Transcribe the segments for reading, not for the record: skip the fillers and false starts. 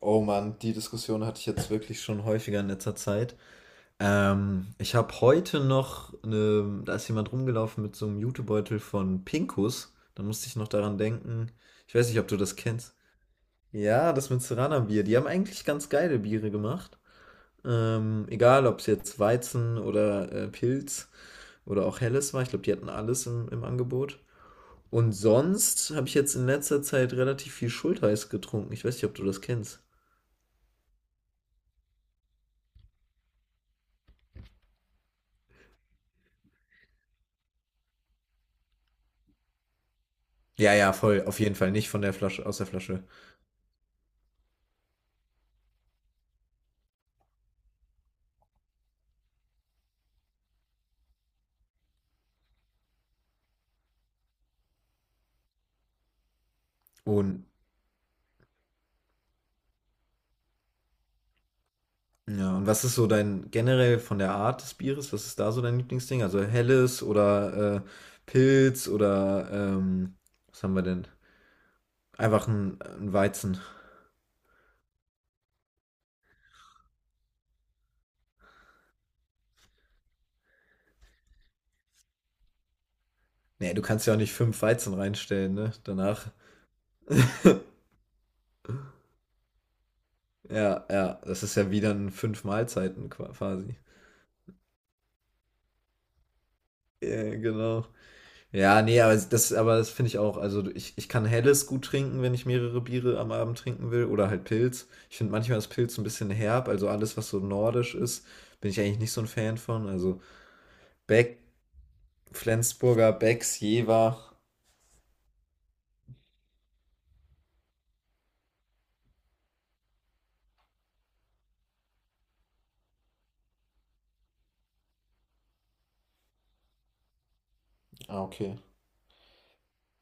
Oh Mann, die Diskussion hatte ich jetzt wirklich schon häufiger in letzter Zeit. Ich habe heute noch, eine, da ist jemand rumgelaufen mit so einem Jutebeutel von Pinkus. Da musste ich noch daran denken. Ich weiß nicht, ob du das kennst. Ja, das Münsteraner-Bier. Die haben eigentlich ganz geile Biere gemacht. Egal, ob es jetzt Weizen oder Pilz oder auch Helles war. Ich glaube, die hatten alles im Angebot. Und sonst habe ich jetzt in letzter Zeit relativ viel Schultheiß getrunken. Ich weiß nicht, ob du das kennst. Ja, ja, voll. Auf jeden Fall nicht von der Flasche, aus der Flasche. Und ja, und was ist so dein generell von der Art des Bieres? Was ist da so dein Lieblingsding? Also helles oder Pilz oder was haben wir denn? Einfach ein Weizen. Nee, du kannst ja auch nicht fünf Weizen reinstellen, ne? Danach. Ja, ja, das ist ja wieder ein fünf Mahlzeiten quasi. Ja, genau. Ja, nee, aber das finde ich auch. Also ich kann Helles gut trinken, wenn ich mehrere Biere am Abend trinken will. Oder halt Pilz. Ich finde manchmal das Pilz ein bisschen herb. Also alles, was so nordisch ist, bin ich eigentlich nicht so ein Fan von. Also Beck, Flensburger, Becks, Jever. Ah, okay.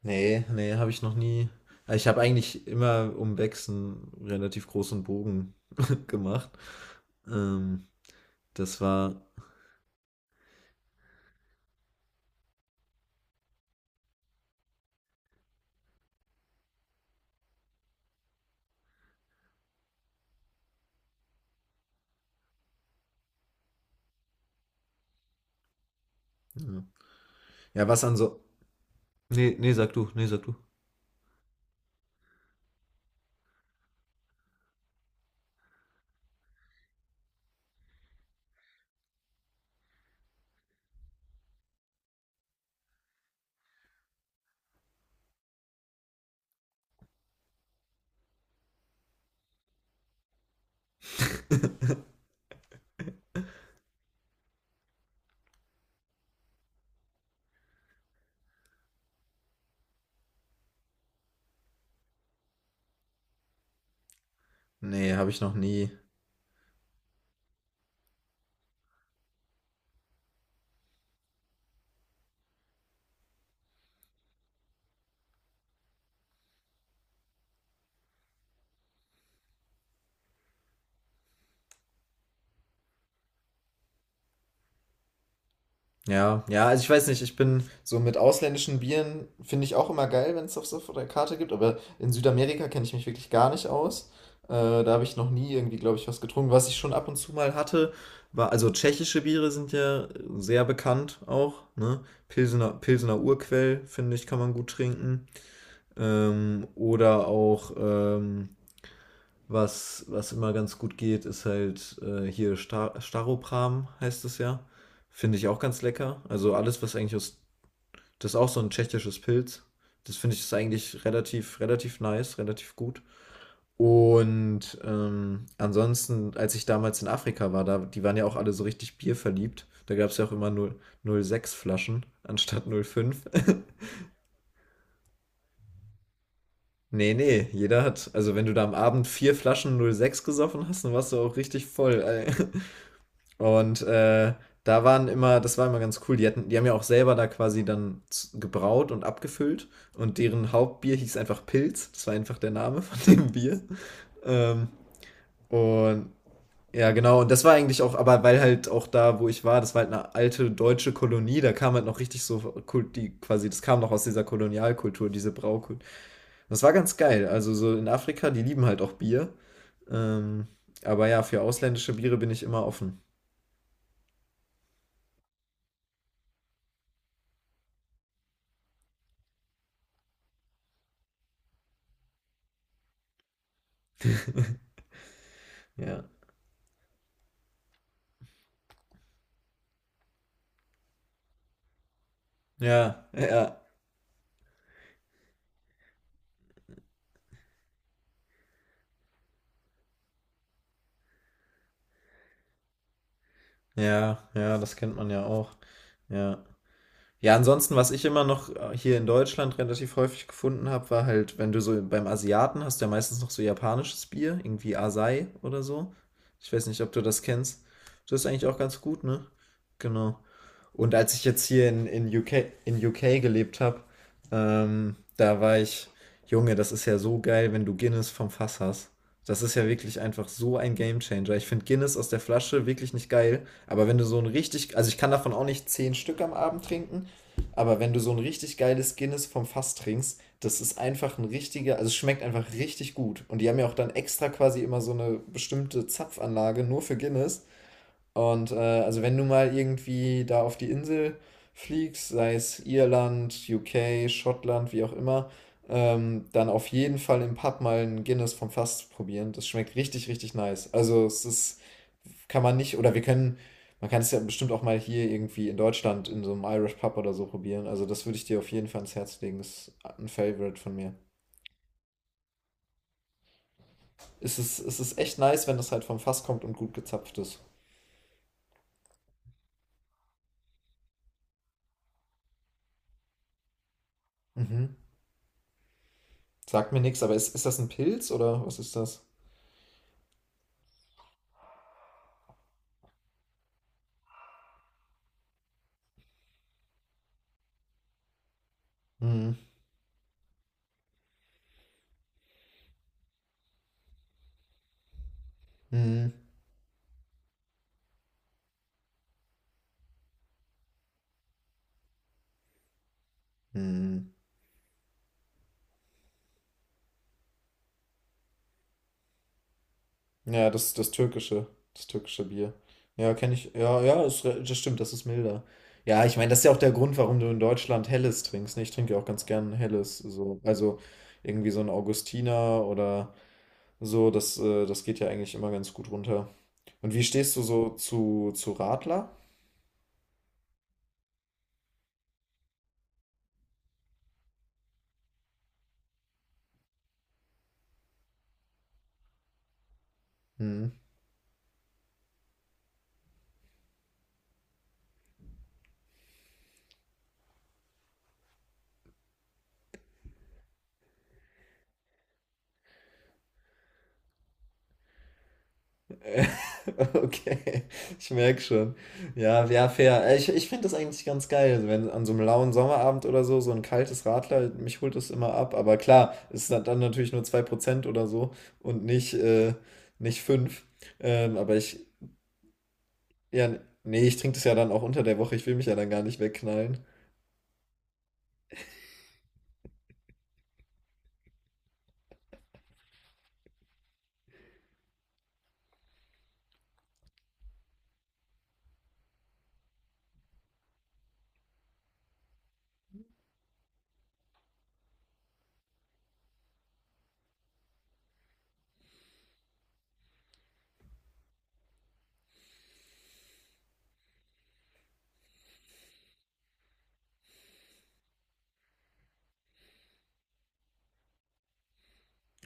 Nee, nee, habe ich noch nie. Also ich habe eigentlich immer um Becks einen relativ großen Bogen gemacht. Ähm, das war. Ja, ja, was an so. Nee, nee, sag du, nee, sag du. Nee, habe ich noch nie. Ja, ja, also ich weiß nicht, ich bin so mit ausländischen Bieren, finde ich auch immer geil, wenn es das auf so der Karte gibt, aber in Südamerika kenne ich mich wirklich gar nicht aus. Da habe ich noch nie irgendwie, glaube ich, was getrunken. Was ich schon ab und zu mal hatte, war, also tschechische Biere sind ja sehr bekannt auch, ne? Pilsener, Pilsener Urquell, finde ich, kann man gut trinken. Oder auch was immer ganz gut geht, ist halt hier Star Staropram heißt es ja. Finde ich auch ganz lecker. Also alles, was eigentlich aus. Das ist auch so ein tschechisches Pilz. Das finde ich ist eigentlich relativ nice, relativ gut. Und ansonsten, als ich damals in Afrika war, da, die waren ja auch alle so richtig bierverliebt. Da gab es ja auch immer 0,6 Flaschen anstatt 0,5. Nee, nee, jeder hat, also wenn du da am Abend 4 Flaschen 0,6 gesoffen hast, dann warst du auch richtig voll, ey. Und da waren immer, das war immer ganz cool, die, hatten, die haben ja auch selber da quasi dann gebraut und abgefüllt, und deren Hauptbier hieß einfach Pilz, das war einfach der Name von dem Bier. Ähm, und ja, genau, und das war eigentlich auch, aber weil halt auch da, wo ich war, das war halt eine alte deutsche Kolonie, da kam halt noch richtig so, die quasi, das kam noch aus dieser Kolonialkultur, diese Braukultur. Das war ganz geil, also so in Afrika, die lieben halt auch Bier. Ähm, aber ja, für ausländische Biere bin ich immer offen. Ja. Ja, ja. Ja, ja, das kennt man ja auch. Ja. Ja, ansonsten, was ich immer noch hier in Deutschland relativ häufig gefunden habe, war halt, wenn du so beim Asiaten hast, du ja meistens noch so japanisches Bier, irgendwie Asai oder so. Ich weiß nicht, ob du das kennst. Das ist eigentlich auch ganz gut, ne? Genau. Und als ich jetzt hier in UK gelebt habe, ähm, da war ich, Junge, das ist ja so geil, wenn du Guinness vom Fass hast. Das ist ja wirklich einfach so ein Gamechanger. Ich finde Guinness aus der Flasche wirklich nicht geil, aber wenn du so ein richtig, also ich kann davon auch nicht 10 Stück am Abend trinken, aber wenn du so ein richtig geiles Guinness vom Fass trinkst, das ist einfach ein richtiger, also es schmeckt einfach richtig gut. Und die haben ja auch dann extra quasi immer so eine bestimmte Zapfanlage nur für Guinness, und also wenn du mal irgendwie da auf die Insel fliegst, sei es Irland, UK, Schottland, wie auch immer, dann auf jeden Fall im Pub mal ein Guinness vom Fass probieren. Das schmeckt richtig, richtig nice. Also es ist, kann man nicht, oder wir können, man kann es ja bestimmt auch mal hier irgendwie in Deutschland in so einem Irish Pub oder so probieren. Also das würde ich dir auf jeden Fall ans Herz legen. Das ist ein Favorite von mir. Es ist echt nice, wenn das halt vom Fass kommt und gut gezapft ist. Mhm. Sagt mir nichts, aber ist das ein Pilz oder was ist das? Mhm. Mhm. Mhm. Ja, das, das türkische Bier. Ja, kenne ich. Ja, ja, ist, das stimmt, das ist milder. Ja, ich meine, das ist ja auch der Grund, warum du in Deutschland Helles trinkst. Ne? Ich trinke ja auch ganz gern Helles. So. Also irgendwie so ein Augustiner oder so, das, das geht ja eigentlich immer ganz gut runter. Und wie stehst du so zu Radler? Mhm. Äh, okay, ich merke schon. Ja, ja, fair. Ich finde das eigentlich ganz geil, wenn an so einem lauen Sommerabend oder so, so ein kaltes Radler, mich holt es immer ab. Aber klar, es ist dann natürlich nur 2% oder so und nicht, nicht 5. Ähm, aber ich, ja, nee, ich trinke das ja dann auch unter der Woche. Ich will mich ja dann gar nicht wegknallen.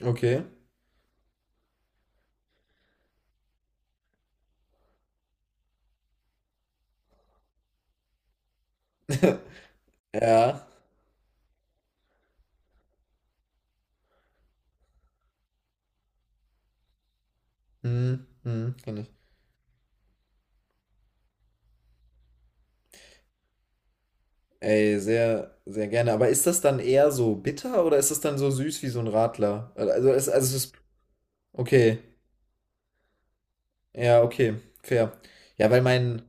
Okay. Ja. Hm, hm, kann ich. Ey, sehr, sehr gerne. Aber ist das dann eher so bitter oder ist das dann so süß wie so ein Radler? Also es ist, okay. Ja, okay, fair. Ja, weil mein,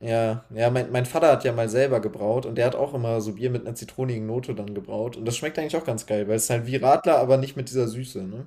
ja, ja, mein Vater hat ja mal selber gebraut und der hat auch immer so Bier mit einer zitronigen Note dann gebraut. Und das schmeckt eigentlich auch ganz geil, weil es ist halt wie Radler, aber nicht mit dieser Süße, ne?